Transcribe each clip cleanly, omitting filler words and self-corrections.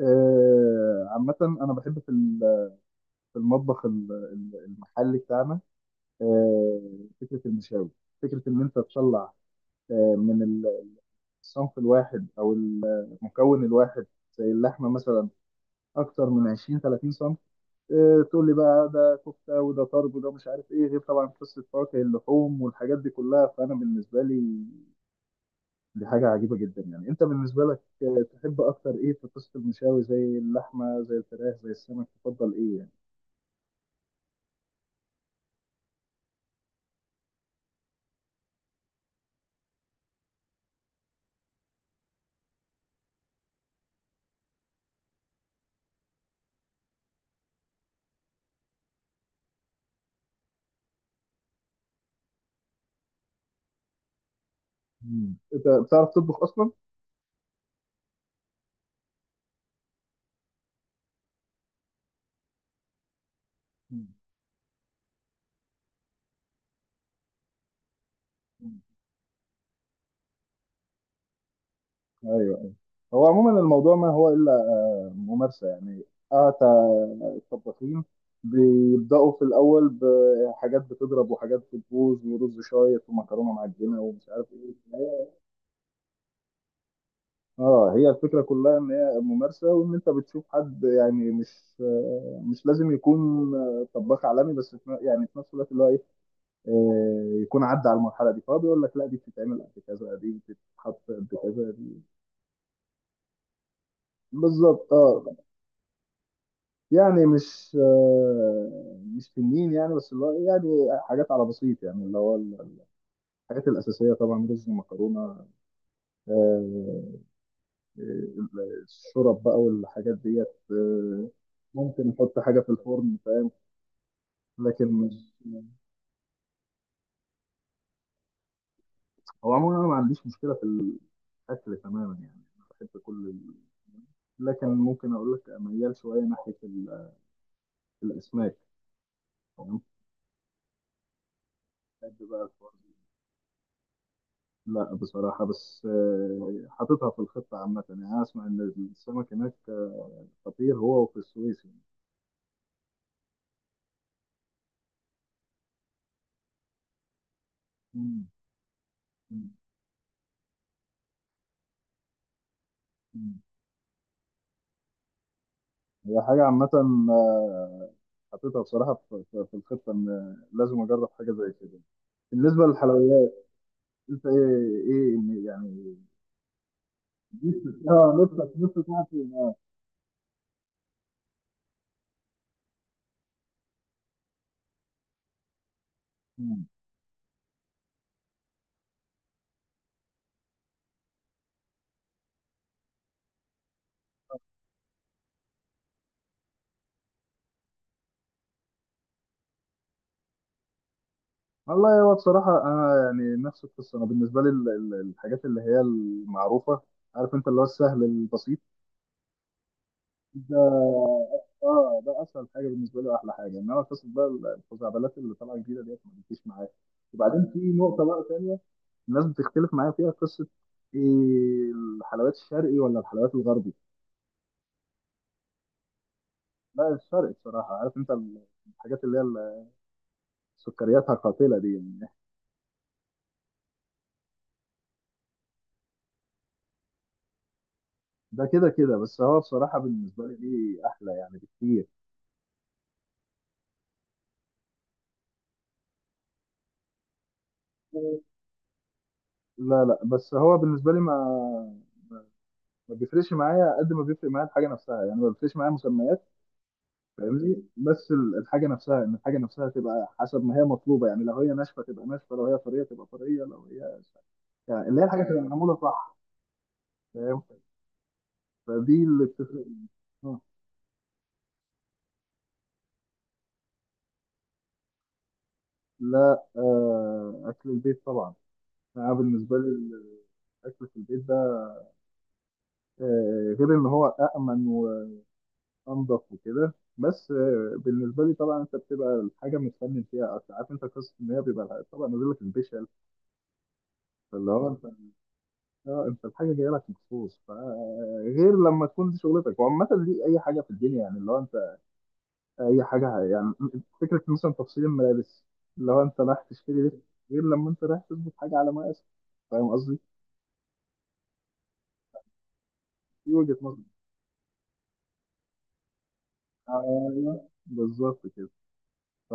عامة أنا بحب في المطبخ المحلي بتاعنا، آه، فكرة المشاوي، فكرة إن أنت تطلع آه، من ال- الصنف الواحد أو المكون الواحد، زي اللحمة مثلا، أكتر من 20 30 صنف. تقول لي بقى ده كفتة وده طرب وده مش عارف إيه، غير طبعا قصة فواكه اللحوم والحاجات دي كلها. فأنا بالنسبة لي دي حاجة عجيبة جدا. يعني أنت بالنسبة لك، تحب أكتر إيه في قصة المشاوي؟ زي اللحمة زي الفراخ زي السمك، تفضل إيه يعني؟ مم. انت بتعرف تطبخ اصلا؟ مم. مم. ايوه ايوه. هو عموما الموضوع ما هو الا ممارسه يعني. اه تا- الطباخين بيبداوا في الاول بحاجات بتضرب وحاجات بتبوظ ورز شايط ومكرونه معجنه ومش عارف ايه في النهاية. اه هي الفكره كلها ان هي ممارسه، وان انت بتشوف حد، يعني مش لازم يكون طباخ عالمي، بس يعني في نفس الوقت اللي هو ايه يكون عدى على المرحله دي، فهو بيقول لك لا دي بتتعمل قد كذا دي بتتحط قد كذا. بالظبط اه. يعني مش تنين يعني، بس اللي هو يعني حاجات على بسيط، يعني اللي هو الحاجات الأساسية طبعا، رز مكرونة. آه آه، الشرب بقى والحاجات ديت. ممكن نحط حاجة في الفرن، فاهم؟ لكن مش... هو عموما أنا ما عنديش مشكلة في الأكل تماما، يعني أنا بحب كل ال... لكن ممكن أقول لك ميال شوية ناحية الأسماك. تمام. بحب بقى الفرن. لا بصراحة بس حاططها في الخطة عامة. يعني أنا أسمع إن السمك هناك خطير، هو وفي السويس يعني. مم. مم. مم. هي حاجة عامة، حاططها بصراحة في الخطة إن لازم أجرب حاجة زي كده. بالنسبة للحلويات أنت إيه؟ إيه يعني نفسك تعرف إيه؟ مم. والله هو بصراحة أنا يعني نفس القصة. أنا بالنسبة لي الحاجات اللي هي المعروفة، عارف أنت، اللي هو السهل البسيط. اه ده اسهل حاجه بالنسبه لي واحلى حاجه، انما قصه بقى الخزعبلات اللي طالعه جديده ديت ما بتجيش معايا. وبعدين في نقطه بقى ثانيه، الناس بتختلف معايا فيها، قصه إيه؟ الحلويات الشرقي ولا الحلويات الغربي؟ لا الشرقي بصراحه. عارف انت الحاجات اللي هي سكرياتها قاتله دي يعني. ده كده كده، بس هو بصراحه بالنسبه لي دي احلى يعني بكتير. لا لا، بس هو بالنسبه لي ما ما بيفرقش معايا قد ما بيفرق معايا الحاجه نفسها. يعني ما بيفرقش معايا مسميات، فاهمني؟ بس الحاجه نفسها، ان الحاجه نفسها تبقى حسب ما هي مطلوبه. يعني لو هي ناشفه تبقى ناشفه، لو هي طريه تبقى طريه، لو هي يعني اللي هي الحاجه تبقى معموله صح، فاهم؟ فدي اللي بتفرق. آه. لا آه اكل البيت طبعا. انا بالنسبه لي الاكل في البيت ده آه غير ان هو امن وانضف وكده، بس آه بالنسبه لي طبعا انت بتبقى الحاجه متفنن فيها أكتر. عارف انت قصه ان هي بيبقى طبعا نازل لك البيشل، فاللي هو اه انت الحاجه جايه لك مخصوص. فغير لما تكون دي شغلتك، وعامه دي اي حاجه في الدنيا يعني، اللي هو انت اي حاجه يعني، فكره مثلا تفصيل الملابس، اللي هو انت رايح تشتري لبس غير لما انت رايح تظبط حاجه على مقاسك، فاهم قصدي؟ دي وجهه نظري. ايوه بالظبط كده. ف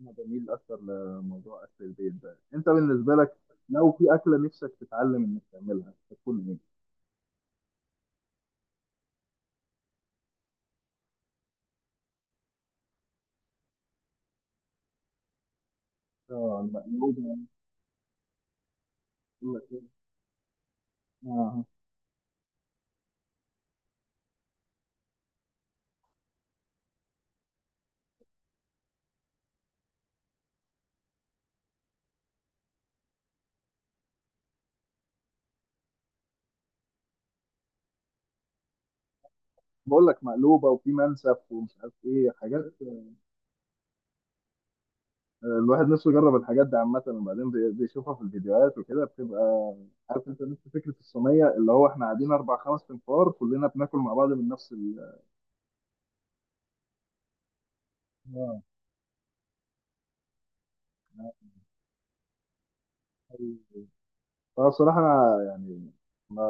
انا بميل اكتر لموضوع اكل البيت ده. انت بالنسبه لك لو في اكله نفسك تتعلم انك تعملها هتكون ايه؟ اه المقلوبه. اه بقول لك مقلوبه وفي منسف ومش عارف ايه حاجات. الواحد نفسه يجرب الحاجات دي عامه. وبعدين بيشوفها في الفيديوهات وكده، بتبقى عارف انت نفس فكره الصينيه، اللي هو احنا قاعدين اربع خمس تنفار كلنا بناكل مع بعض من نفس ال... اه. فبصراحه انا يعني ما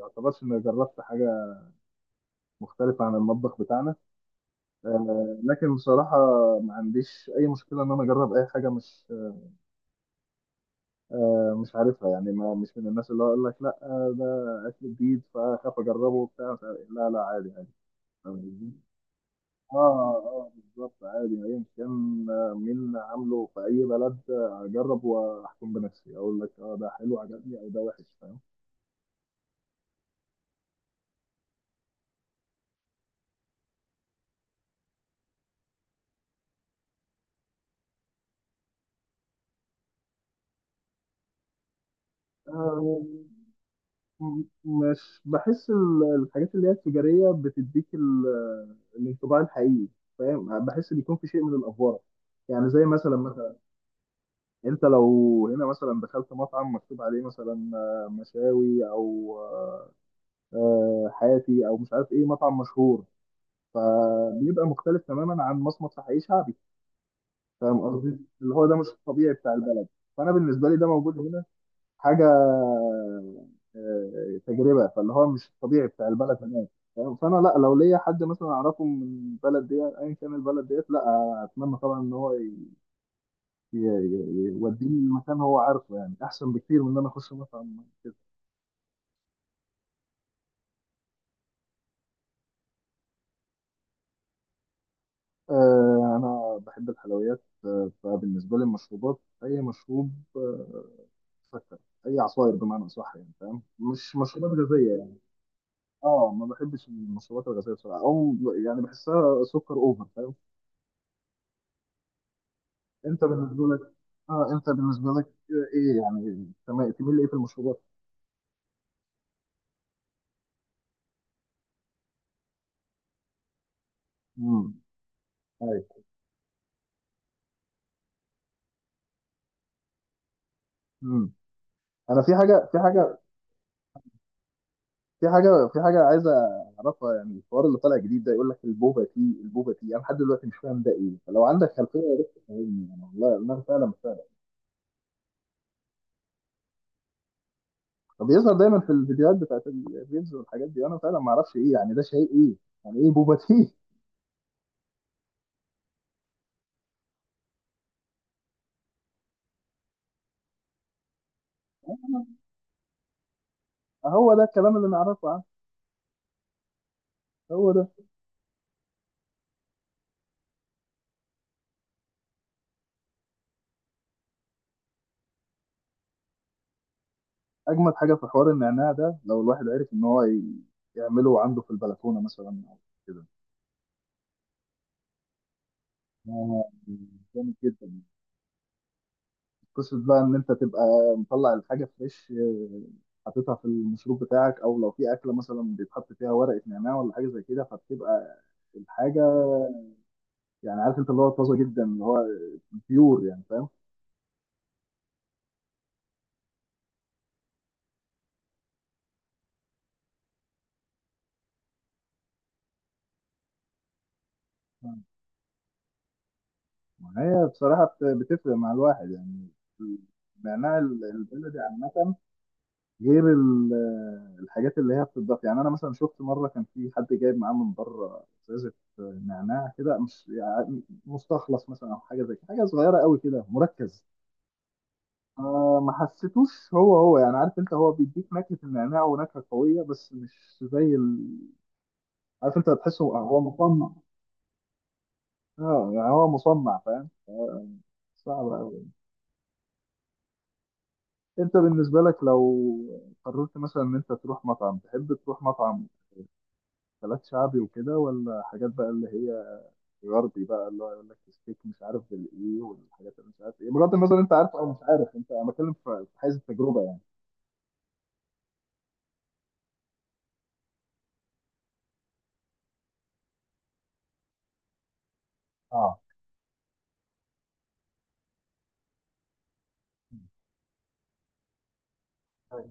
يعتبرش اني جربت حاجه مختلفه عن المطبخ بتاعنا، لكن بصراحه ما عنديش اي مشكله ان انا اجرب اي حاجه مش مش عارفها يعني. ما مش من الناس اللي هو يقول لك لا، ده اكل جديد فاخاف اجربه وبتاع مش عارف إيه. لا لا، عادي عادي. فاهم قصدي؟ اه اه بالظبط. عادي ايا كان مين عامله في اي بلد، اجرب واحكم بنفسي، اقول لك اه ده حلو عجبني او ده وحش، فاهم؟ آه، مش بحس الحاجات اللي هي التجاريه بتديك الانطباع الحقيقي، فاهم؟ بحس بيكون في شيء من الافوره. يعني زي مثلا مثلا انت لو هنا مثلا دخلت مطعم مكتوب عليه مثلا مشاوي او حاتي او مش عارف ايه مطعم مشهور، فبيبقى مختلف تماما عن مصمت في حي شعبي. فاهم قصدي؟ اللي هو ده مش الطبيعي بتاع البلد. فانا بالنسبه لي ده موجود هنا حاجه تجربه. فاللي هو مش الطبيعي بتاع البلد هناك، فاهم؟ فانا لا، لو ليا حد مثلا اعرفه من البلد ديت، ايا كان البلد ديت، لا اتمنى طبعا ان هو يوديني المكان هو عارفه، يعني احسن بكتير من ان انا اخش مطعم. آه انا بحب الحلويات. آه فبالنسبه لي المشروبات اي مشروب مسكر، اي عصاير بمعنى اصح يعني، فاهم؟ مش مشروبات غازيه يعني. اه ما بحبش المشروبات الغازيه بصراحه، او يعني بحسها سكر اوفر، فاهم؟ انت بالنسبه لك؟ اه انت بالنسبه لك ايه يعني، تمام تميل لايه في المشروبات؟ امم. ايوه. امم. انا في حاجة عايز أعرفها. يعني الحوار اللي طالع جديد ده يقول لك البوبا تي، أنا لحد دلوقتي مش فاهم ده إيه. فلو عندك خلفية يا ريت تفهمني، أنا والله أنا فعلا مش فاهم. طب بيظهر دايما في الفيديوهات بتاعت الريلز والحاجات دي، أنا فعلا ما أعرفش إيه يعني ده شيء إيه. يعني إيه بوبا تي؟ هو ده الكلام اللي نعرفه عنه. هو ده. أجمد حاجة في حوار النعناع ده، لو الواحد عرف إن هو يعمله عنده في البلكونة مثلا أو كده. آه، جامد جدا. قصة بقى إن أنت تبقى مطلع الحاجة فريش، حاططها في المشروب بتاعك، أو لو في أكلة مثلا بيتحط فيها ورقة نعناع ولا حاجة زي كده، فبتبقى الحاجة يعني عارف أنت اللي هو طازة جدا، اللي هو بيور يعني، فاهم؟ ما هي بصراحة بتفرق مع الواحد يعني. النعناع البلدي عامة، غير الحاجات اللي هي بتضاف. يعني أنا مثلا شفت مرة كان في حد جايب معاه من بره إزازة نعناع كده، مش يعني مستخلص مثلا أو حاجة زي كده، حاجة صغيرة قوي كده مركز. آه ما حسيتوش هو هو يعني، عارف انت، هو بيديك نكهة النعناع ونكهة قوية، بس مش زي ال... عارف انت هتحسه هو مصنع. اه يعني هو مصنع، فاهم؟ آه صعب قوي. انت بالنسبة لك لو قررت مثلا ان انت تروح مطعم، تحب تروح مطعم اكلات شعبي وكده، ولا حاجات بقى اللي هي غربي بقى، اللي هو يقول لك ستيك مش عارف بالايه والحاجات اللي مش عارف ايه، بغض النظر انت عارف او مش عارف، انت انا بتكلم في حيز التجربة يعني. اه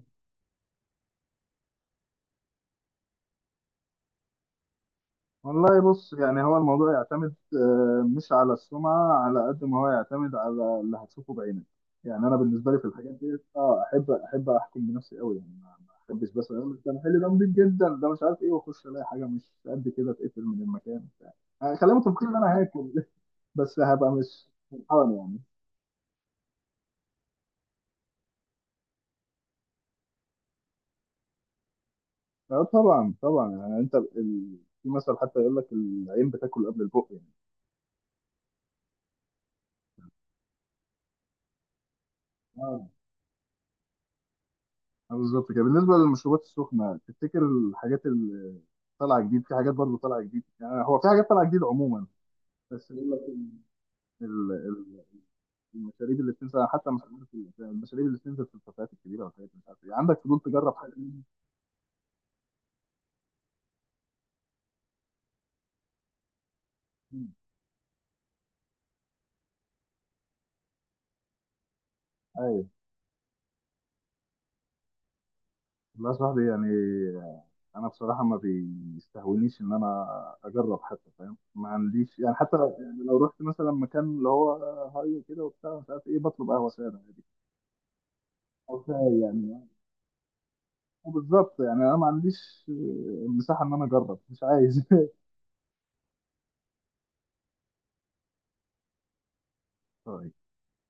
والله بص، يعني هو الموضوع يعتمد مش على السمعة، على قد ما هو يعتمد على اللي هتشوفه بعينك. يعني أنا بالنسبة لي في الحاجات دي اه أحب أحكم بنفسي قوي يعني. ما أحبش بس أقول لك ده محل ده نضيف جدا ده مش عارف إيه، وأخش ألاقي حاجة مش قد كده، اتقفل من المكان بتاع. يعني خلينا متفقين إن أنا هاكل بس هبقى مش فرحان يعني. طبعا طبعا يعني أنت ال... في مثل حتى يقول لك العين بتاكل قبل البق يعني. آه، بالظبط كده. بالنسبه للمشروبات السخنه، تفتكر الحاجات اللي طالعه جديد، في حاجات برضه طالعه جديد، يعني هو في حاجات طالعه جديد عموما، بس بقول لك، ال- ال- المشاريب اللي بتنزل حتى مش عارف المشاريب اللي بتنزل في الكافيهات الكبيره والحاجات مش عارف ايه، عندك فضول تجرب حاجه منهم؟ ايوه. والله يا صاحبي يعني، انا بصراحه ما بيستهونيش ان انا اجرب حتى، فاهم؟ ما عنديش يعني، حتى لو يعني لو رحت مثلا مكان اللي هو هاي كده وبتاع مش عارف ايه، بطلب قهوه ساده عادي او شاي يعني. بالظبط، يعني انا ما عنديش مساحه ان انا اجرب، مش عايز طيب.